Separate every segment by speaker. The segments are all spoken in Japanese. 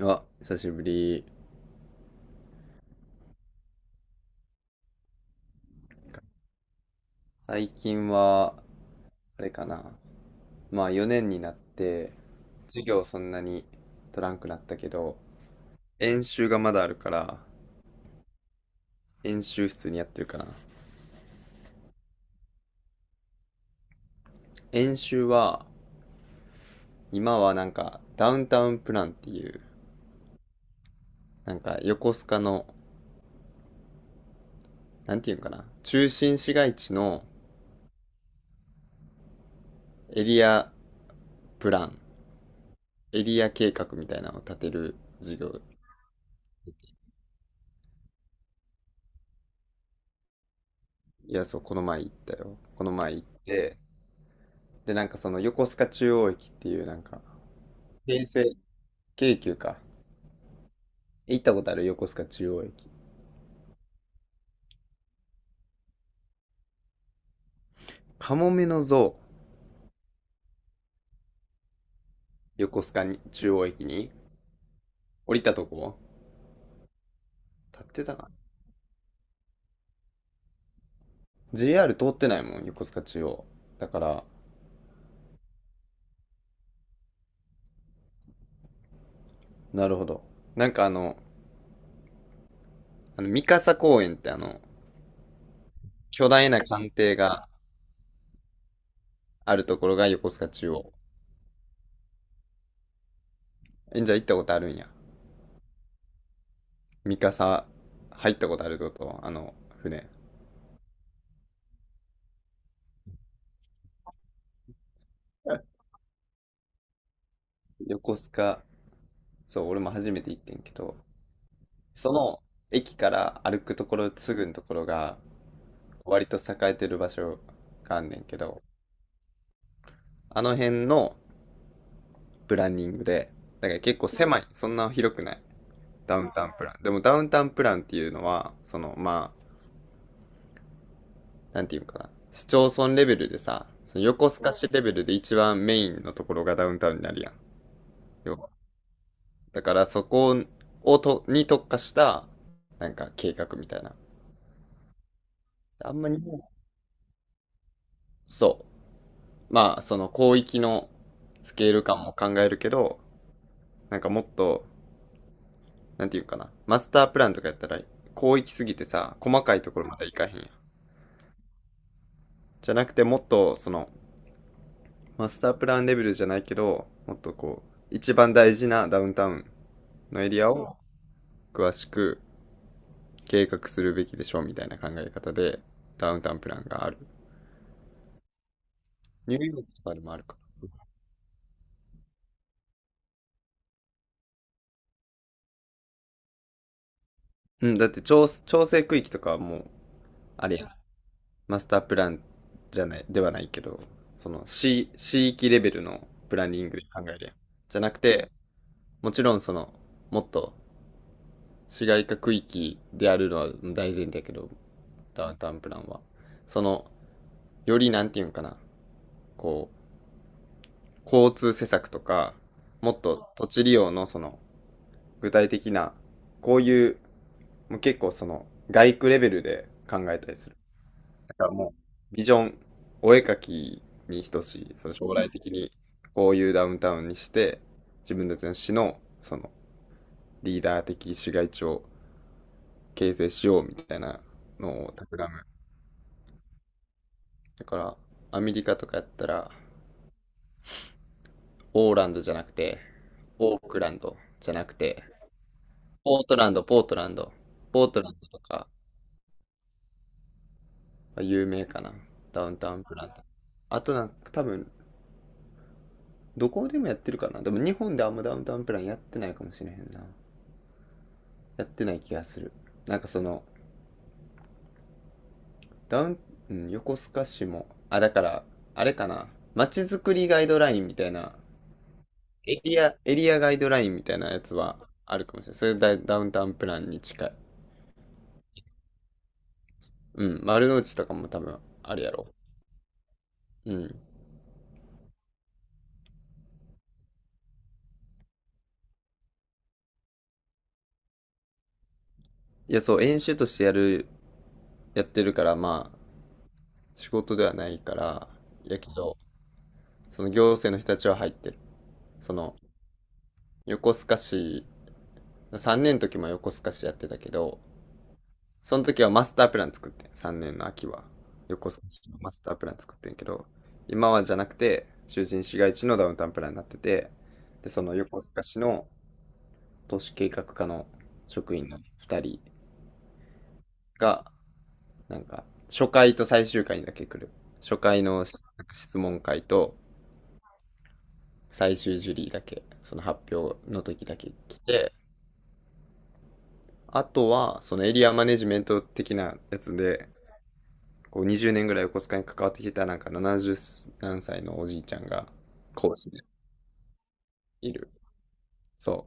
Speaker 1: あ、久しぶり。最近は、あれかな。まあ4年になって、授業そんなに取らんくなったけど、演習がまだあるから、演習室にやってるかな。演習は、今はなんか、ダウンタウンプランっていう、なんか横須賀の、なんていうんかな、中心市街地のエリアプラン、エリア計画みたいなのを立てる授業。いや、そう、この前行ったよ。この前行って、で、なんかその横須賀中央駅っていうなんか、京成、京急か。行ったことある横須賀中央駅。カモメの像、横須賀に中央駅に降りたとこ立ってたかな？ JR 通ってないもん、横須賀中央。だから、なるほど。なんかあの、あの三笠公園ってあの、巨大な艦艇があるところが横須賀中央。え、じゃあ行ったことあるんや。三笠、入ったことあるってことあの、船。横須賀、そう、俺も初めて行ってんけど、その駅から歩くところすぐのところが割と栄えてる場所があんねんけど、あの辺のプランニングで、だから結構狭い、そんな広くない、ダウンタウンプラン。でもダウンタウンプランっていうのは、そのまあ、なんていうのかな、市町村レベルでさ、その横須賀市レベルで一番メインのところがダウンタウンになるやん。要は。だからそこをとに特化した、なんか計画みたいな。あんま日本、そう。まあ、その広域のスケール感も考えるけど、なんかもっと、なんていうかな、マスタープランとかやったら、広域すぎてさ、細かいところまでいかへんやん。じゃなくて、もっと、その、マスタープランレベルじゃないけど、もっとこう、一番大事なダウンタウンのエリアを詳しく計画するべきでしょうみたいな考え方で、ダウンタウンプランがある。ニューヨークとかでもあるから。うん、だって調整区域とかはもう、あれやん。マスタープランじゃない、ではないけど、その市域レベルのプランニングで考えるやん。じゃなくて、もちろんその、もっと市街化区域であるのは大前提だけど、ダウンタウンプランは。その、よりなんていうのかな、こう、交通施策とか、もっと土地利用のその、具体的な、こういう、もう結構その、外区レベルで考えたりする。だからもう、ビジョン、お絵描きに等しい、その将来的にこういうダウンタウンにして、自分たちの市の、その、リーダー的市街地を形成しようみたいなのを企む。だから、アメリカとかやったら、オーランドじゃなくて、オークランドじゃなくて、ポートランド、ポートランド、ポートランドとか、有名かな。ダウンタウンプランあとなんか多分、どこでもやってるかな。でも日本であんまダウンタウンプランやってないかもしれへんな。やってない気がする。なんかその、ダウン、うん、横須賀市も、あ、だから、あれかな。街づくりガイドラインみたいな、エリア、エリアガイドラインみたいなやつはあるかもしれない。それダウンタウンプランに近い。うん、丸の内とかも多分あるやろ。うん。いや、そう、演習としてやる、やってるから、まあ、仕事ではないから、やけど、その行政の人たちは入ってる。その、横須賀市、3年の時も横須賀市やってたけど、その時はマスタープラン作ってん、3年の秋は横須賀市のマスタープラン作ってんけど、今はじゃなくて中心市街地のダウンタウンプランになってて、でその横須賀市の都市計画課の職員の2人がなんか初回と最終回にだけ来る、初回のなんか質問会と最終ジュリーだけその発表の時だけ来て、あとはそのエリアマネジメント的なやつでこう20年ぐらい横須賀に関わってきたなんか70何歳のおじいちゃんが講師でいる。そ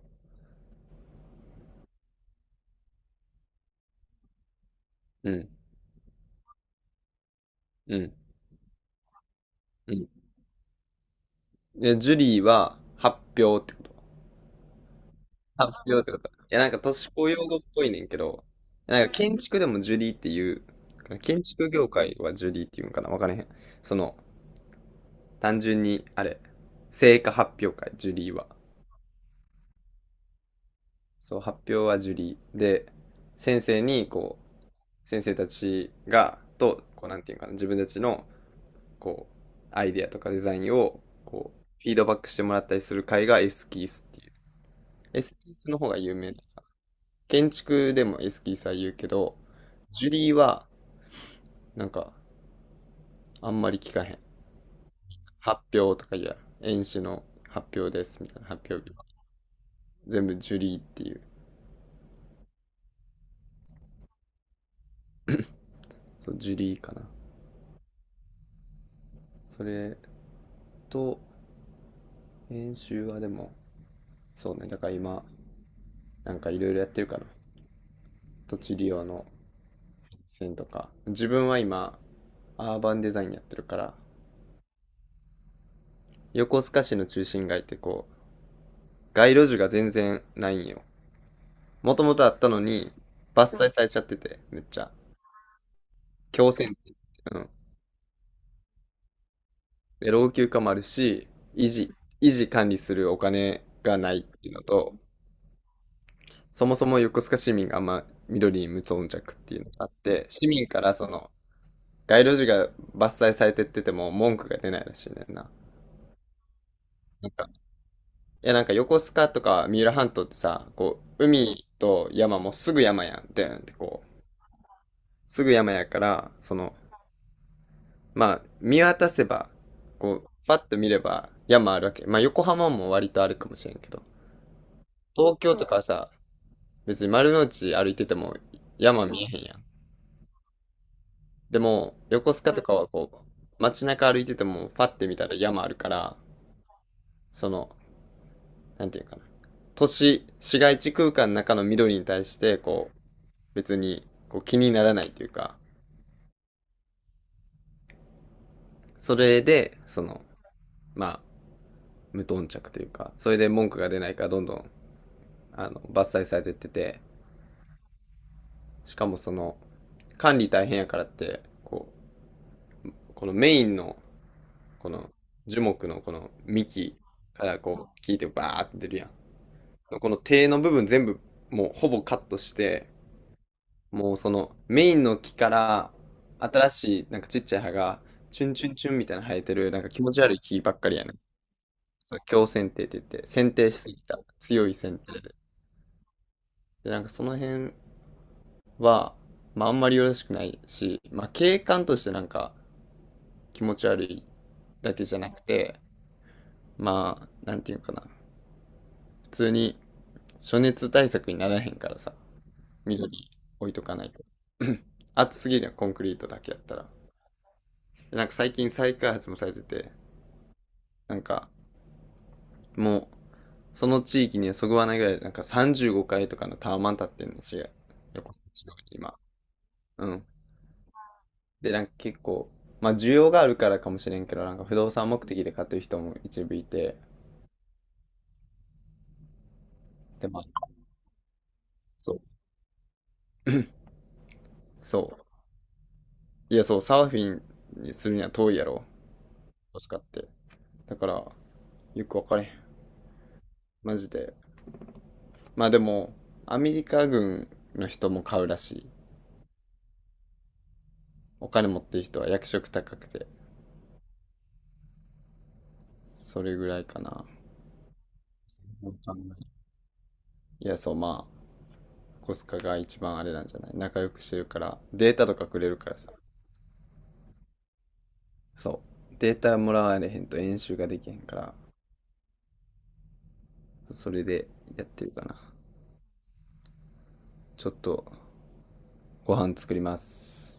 Speaker 1: う。うん。うん。うん。で、ジュリーは発表ってこと。発表ってこと。いや、なんか都市公用語っぽいねんけど、なんか建築でもジュリーっていう、建築業界はジュリーっていうんかなわからへん。その、単純に、あれ、成果発表会、ジュリーは。そう、発表はジュリー。で、先生に、こう、先生たちが、と、こう、なんていうんかな、自分たちのこう、アイデアとかデザインを、こう、フィードバックしてもらったりする会がエスキースっていう。エスキースの方が有名。建築でもエスキースは言うけど、ジュリーは、なんか、あんまり聞かへん。発表とか言うやん。演習の発表です、みたいな発表日は。全部ジュリーっていう。そう、ジュリーかな。それと、演習はでも、そうね、だから今、なんかいろいろやってるかな。土地利用の線とか。自分は今、アーバンデザインやってるから、横須賀市の中心街ってこう、街路樹が全然ないんよ。もともとあったのに、伐採されちゃってて、めっちゃ。強制的。うん。で、老朽化もあるし、維持、維持管理するお金がないっていうのと、そもそも横須賀市民があんま緑に無頓着っていうのがあって、市民からその、街路樹が伐採されてってても文句が出ないらしいねんな。なんか、いやなんか横須賀とか三浦半島ってさ、こう、海と山もすぐ山やん、ドゥーンってすぐ山やから、その、まあ、見渡せば、こう、パッと見れば山あるわけ。まあ、横浜も割とあるかもしれんけど、東京とかはさ、別に丸の内歩いてても山見えへんやん。でも、横須賀とかはこう、街中歩いてても、パッて見たら山あるから、その、なんていうかな。都市、市街地空間の中の緑に対して、こう、別にこう気にならないというか、それで、その、まあ、無頓着というか、それで文句が出ないからどんどんあの、伐採されてってて、しかもその、管理大変やからって、こう、このメインの、この樹木のこの幹からこう、聞いてバーって出るやん。この手の部分全部、もうほぼカットして、もうそのメインの木から新しいなんかちっちゃい葉がチュンチュンチュンみたいな生えてるなんか気持ち悪い木ばっかりやねん。そう、強剪定って言って、剪定しすぎた。強い剪定で。で、なんかその辺は、まああんまりよろしくないし、まあ景観としてなんか気持ち悪いだけじゃなくて、まあ、なんていうかな。普通に暑熱対策にならへんからさ、緑置いとかないと。暑すぎるよ、コンクリートだけやったら。でなんか最近再開発もされてて、なんかもう、その地域にはそぐわないぐらい、なんか35階とかのタワマン立ってんのし、横浜市の今。うん。で、なんか結構、まあ需要があるからかもしれんけど、なんか不動産目的で買ってる人も一部いて、で、まあ、そう。そう。いや、そう、サーフィンにするには遠いやろ、使って。だから、よくわかれん。マジで。まあでも、アメリカ軍の人も買うらしい。お金持ってる人は役職高くて。それぐらいかな。わかんない。いや、そう、まあ、コスカが一番あれなんじゃない仲良くしてるから、データとかくれるからさ。そう。データもらわれへんと演習ができへんから、それでやってるかな。ちょっとご飯作ります。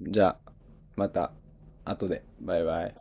Speaker 1: じゃあ、また後で。バイバイ。